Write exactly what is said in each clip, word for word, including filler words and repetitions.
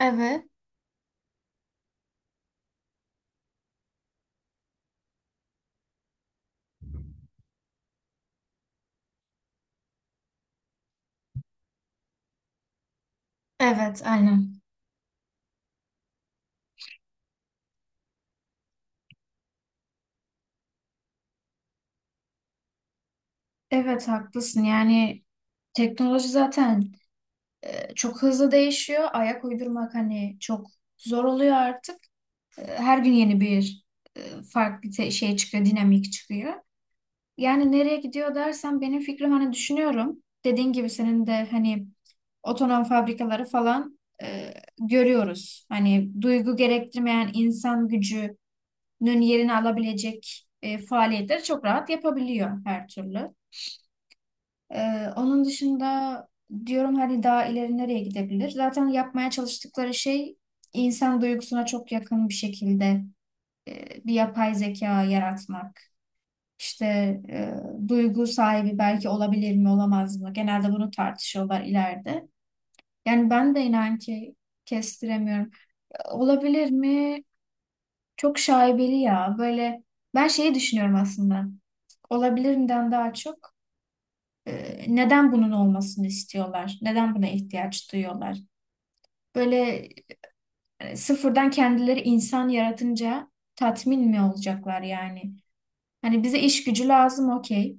Evet, evet, aynen. Evet, haklısın. Yani teknoloji zaten e, çok hızlı değişiyor. Ayak uydurmak hani çok zor oluyor artık. E, her gün yeni bir e, farklı te- şey çıkıyor, dinamik çıkıyor. Yani nereye gidiyor dersen benim fikrim hani düşünüyorum. Dediğin gibi senin de hani otonom fabrikaları falan e, görüyoruz. Hani duygu gerektirmeyen insan gücünün yerini alabilecek e, faaliyetleri çok rahat yapabiliyor her türlü. Ee, onun dışında diyorum hani daha ileri nereye gidebilir? Zaten yapmaya çalıştıkları şey insan duygusuna çok yakın bir şekilde e, bir yapay zeka yaratmak. İşte e, duygu sahibi belki olabilir mi olamaz mı? Genelde bunu tartışıyorlar ileride. Yani ben de inan ki kestiremiyorum. E, Olabilir mi? Çok şaibeli ya. Böyle ben şeyi düşünüyorum aslında. Olabilirimden daha çok. E, neden bunun olmasını istiyorlar? Neden buna ihtiyaç duyuyorlar? Böyle e, sıfırdan kendileri insan yaratınca tatmin mi olacaklar yani? Hani bize iş gücü lazım okey.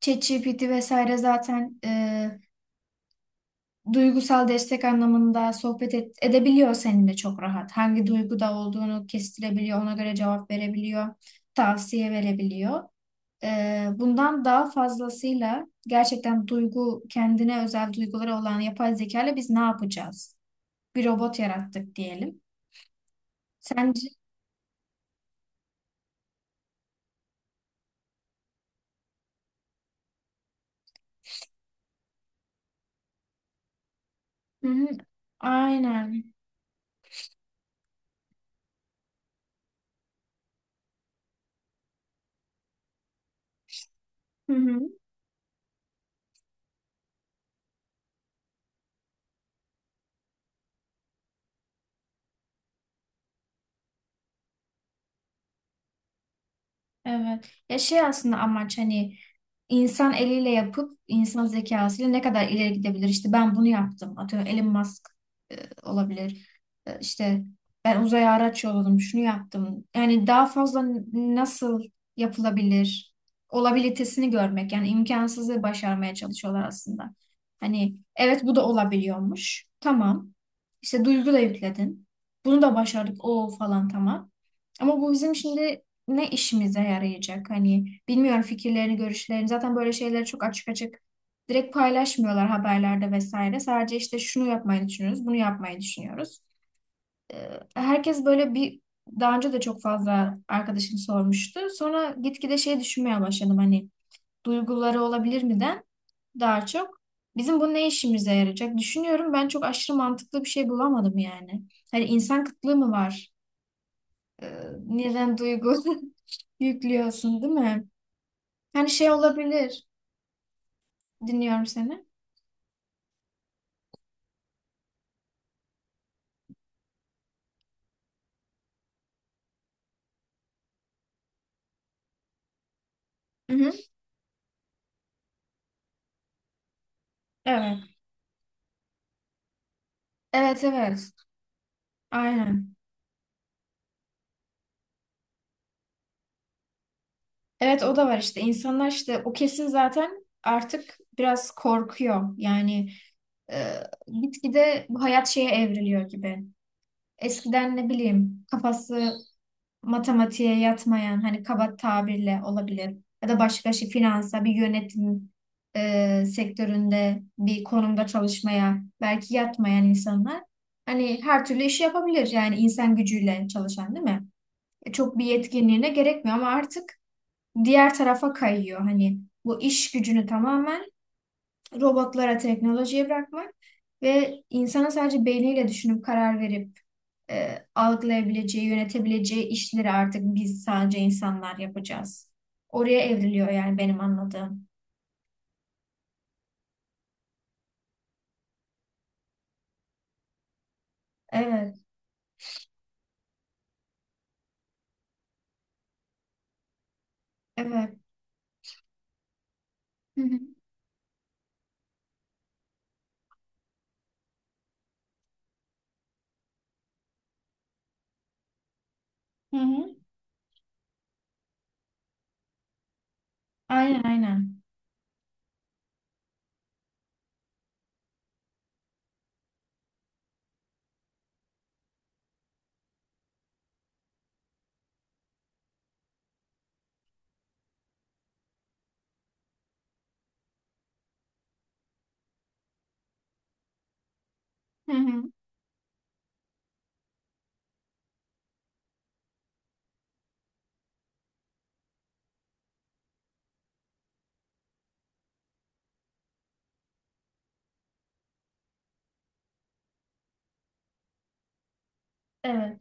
ChatGPT vesaire zaten e, duygusal destek anlamında sohbet et- edebiliyor seninle çok rahat. Hangi duyguda olduğunu kestirebiliyor, ona göre cevap verebiliyor, tavsiye verebiliyor. Ee, bundan daha fazlasıyla gerçekten duygu, kendine özel duyguları olan yapay zeka ile biz ne yapacağız? Bir robot yarattık diyelim. Sence? Hı hı. Aynen. Hı hı. Evet. Ya şey aslında amaç hani insan eliyle yapıp insan zekasıyla ne kadar ileri gidebilir? İşte ben bunu yaptım. Atıyorum Elon Musk e, olabilir. E, işte ben uzaya araç yolladım. Şunu yaptım. Yani daha fazla n- nasıl yapılabilir? Olabilitesini görmek. Yani imkansızı başarmaya çalışıyorlar aslında. Hani evet bu da olabiliyormuş. Tamam. İşte duygu da yükledin. Bunu da başardık. O falan tamam. Ama bu bizim şimdi ne işimize yarayacak? Hani bilmiyorum fikirlerini, görüşlerini. Zaten böyle şeyleri çok açık açık direkt paylaşmıyorlar haberlerde vesaire. Sadece işte şunu yapmayı düşünüyoruz, bunu yapmayı düşünüyoruz. Ee, Herkes böyle bir daha önce de çok fazla arkadaşım sormuştu. Sonra gitgide şey düşünmeye başladım hani duyguları olabilir miden daha çok bizim bu ne işimize yarayacak düşünüyorum. Ben çok aşırı mantıklı bir şey bulamadım yani. Hani insan kıtlığı mı var? Ee, Neden duygu yüklüyorsun değil mi? Yani şey olabilir. Dinliyorum seni. Hı hı. Evet. Evet evet. Aynen. Evet o da var işte. İnsanlar işte o kesim zaten artık biraz korkuyor. Yani e, gitgide bu hayat şeye evriliyor gibi. Eskiden ne bileyim kafası matematiğe yatmayan hani kaba tabirle olabilir ya da başka şey finansa bir yönetim e, sektöründe bir konumda çalışmaya belki yatmayan insanlar hani her türlü işi yapabilir yani insan gücüyle çalışan değil mi? E, çok bir yetkinliğine gerekmiyor ama artık diğer tarafa kayıyor hani bu iş gücünü tamamen robotlara teknolojiye bırakmak ve insanın sadece beyniyle düşünüp karar verip e, algılayabileceği, yönetebileceği işleri artık biz sadece insanlar yapacağız. Oraya evriliyor yani benim anladığım. Evet, evet. Hı hı. Hı hı. Aynen, aynen. Hı hı. Evet.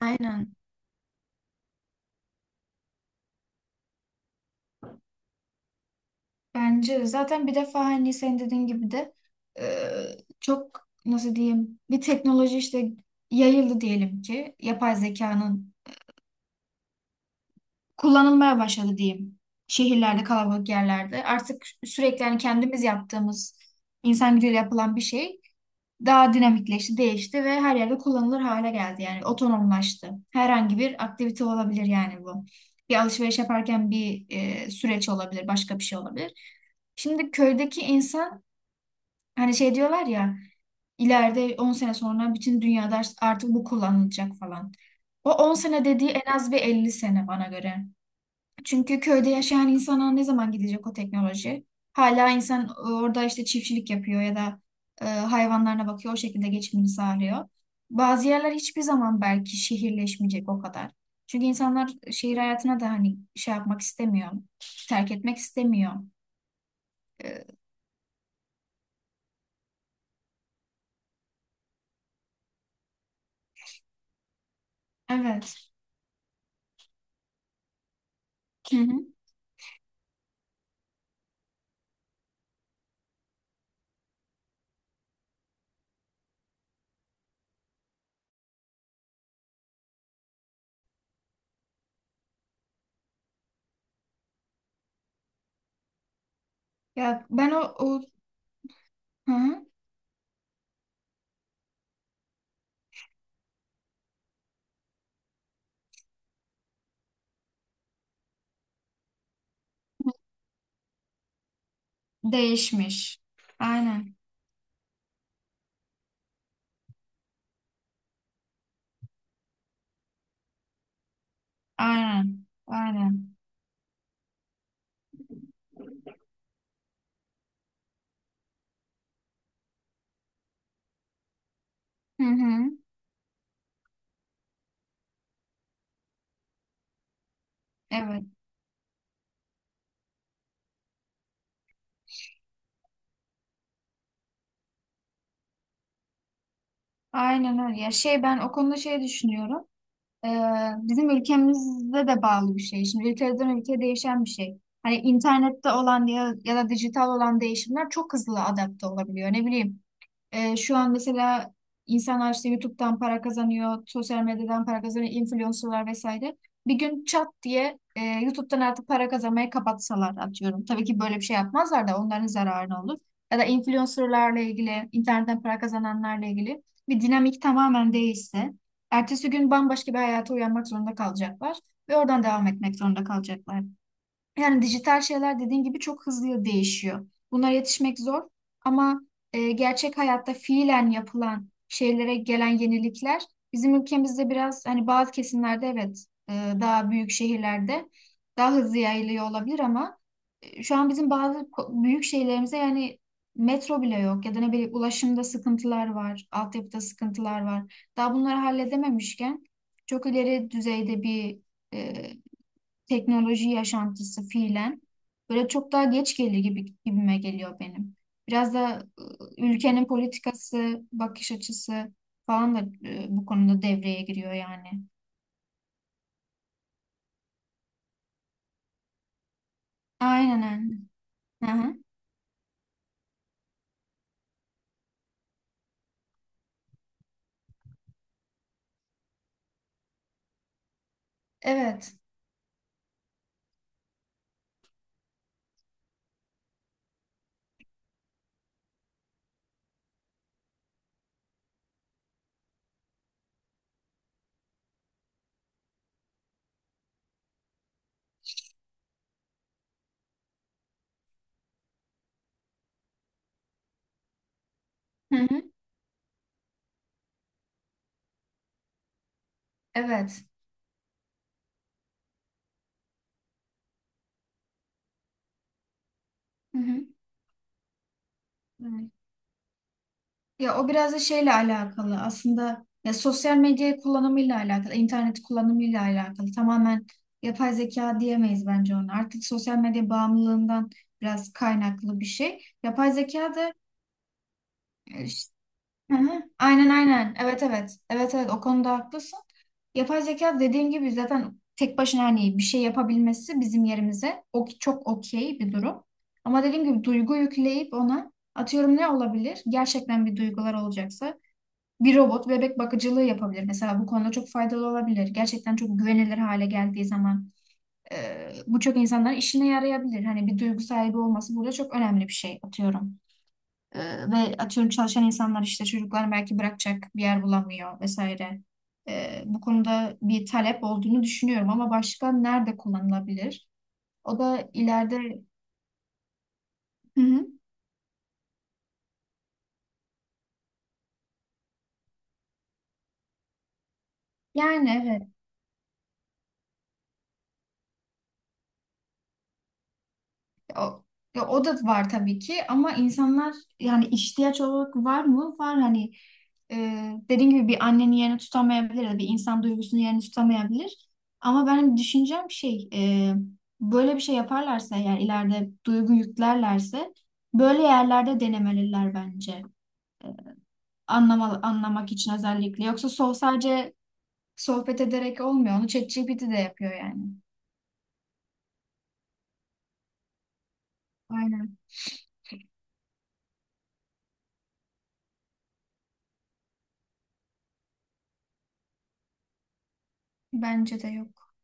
Aynen. Bence de. zaten bir defa hani sen dediğin gibi de eee, çok nasıl diyeyim bir teknoloji işte yayıldı diyelim ki yapay zekanın kullanılmaya başladı diyeyim. Şehirlerde, kalabalık yerlerde. Artık sürekli hani kendimiz yaptığımız insan gücüyle yapılan bir şey daha dinamikleşti, değişti ve her yerde kullanılır hale geldi. Yani otonomlaştı. Herhangi bir aktivite olabilir yani bu. Bir alışveriş yaparken bir e, süreç olabilir, başka bir şey olabilir. Şimdi köydeki insan hani şey diyorlar ya ileride on sene sonra bütün dünyada artık bu kullanılacak falan. O on sene dediği en az bir elli sene bana göre. Çünkü köyde yaşayan insana ne zaman gidecek o teknoloji? Hala insan orada işte çiftçilik yapıyor ya da e, hayvanlarına bakıyor, o şekilde geçimini sağlıyor. Bazı yerler hiçbir zaman belki şehirleşmeyecek o kadar. Çünkü insanlar şehir hayatına da hani şey yapmak istemiyor, terk etmek istemiyor. E, evet. Hı hı. Ya ben o, o hı hı. değişmiş. Aynen, aynen, aynen. Hı hı. Evet, aynen öyle. Ya şey ben o konuda şey düşünüyorum. Ee, Bizim ülkemizde de bağlı bir şey. Şimdi ülkeden ülkeye değişen bir şey. Hani internette olan ya, ya da dijital olan değişimler çok hızlı adapte olabiliyor. Ne bileyim ee, şu an mesela insanlar işte YouTube'dan para kazanıyor, sosyal medyadan para kazanıyor, influencerlar vesaire. Bir gün çat diye e, YouTube'dan artık para kazanmayı kapatsalar atıyorum. Tabii ki böyle bir şey yapmazlar da onların zararına olur. Ya da influencerlarla ilgili, internetten para kazananlarla ilgili bir dinamik tamamen değişse, ertesi gün bambaşka bir hayata uyanmak zorunda kalacaklar ve oradan devam etmek zorunda kalacaklar. Yani dijital şeyler dediğin gibi çok hızlı değişiyor. Bunlara yetişmek zor ama e, gerçek hayatta fiilen yapılan şeylere gelen yenilikler bizim ülkemizde biraz hani bazı kesimlerde evet e, daha büyük şehirlerde daha hızlı yayılıyor olabilir ama e, şu an bizim bazı ko- büyük şehirlerimize yani metro bile yok ya da ne bileyim ulaşımda sıkıntılar var, altyapıda sıkıntılar var. Daha bunları halledememişken çok ileri düzeyde bir e, teknoloji yaşantısı fiilen böyle çok daha geç gelir gibi gibime geliyor benim. Biraz da e, ülkenin politikası, bakış açısı falan da e, bu konuda devreye giriyor yani. Aynen aynen. Hı hı. Evet. Hı hı. Evet. Hı hı. Evet. Ya o biraz da şeyle alakalı aslında ya sosyal medya kullanımıyla alakalı, internet kullanımıyla alakalı. Tamamen yapay zeka diyemeyiz bence ona. Artık sosyal medya bağımlılığından biraz kaynaklı bir şey. Yapay zeka da e, ş- Hı hı. aynen aynen. Evet evet. Evet evet o konuda haklısın. Yapay zeka dediğim gibi zaten tek başına hani bir şey yapabilmesi bizim yerimize o çok okey bir durum. Ama dediğim gibi duygu yükleyip ona atıyorum ne olabilir? Gerçekten bir duygular olacaksa bir robot bebek bakıcılığı yapabilir. Mesela bu konuda çok faydalı olabilir. Gerçekten çok güvenilir hale geldiği zaman e, bu çok insanların işine yarayabilir. Hani bir duygu sahibi olması burada çok önemli bir şey atıyorum. E, Ve atıyorum çalışan insanlar işte çocuklar belki bırakacak bir yer bulamıyor vesaire. E, bu konuda bir talep olduğunu düşünüyorum ama başka nerede kullanılabilir? O da ileride Hı hı. Yani evet. O, ya o da var tabii ki ama insanlar yani ihtiyaç olarak var mı? Var hani e, dediğim gibi bir annenin yerini tutamayabilir ya da bir insan duygusunun yerini tutamayabilir. Ama benim düşüncem şey e, böyle bir şey yaparlarsa eğer ileride duygu yüklerlerse böyle yerlerde denemeliler bence. Anlama, anlamak için özellikle. Yoksa sol sadece sohbet ederek olmuyor. Onu ChatGPT de yapıyor yani. Aynen. Bence de yok.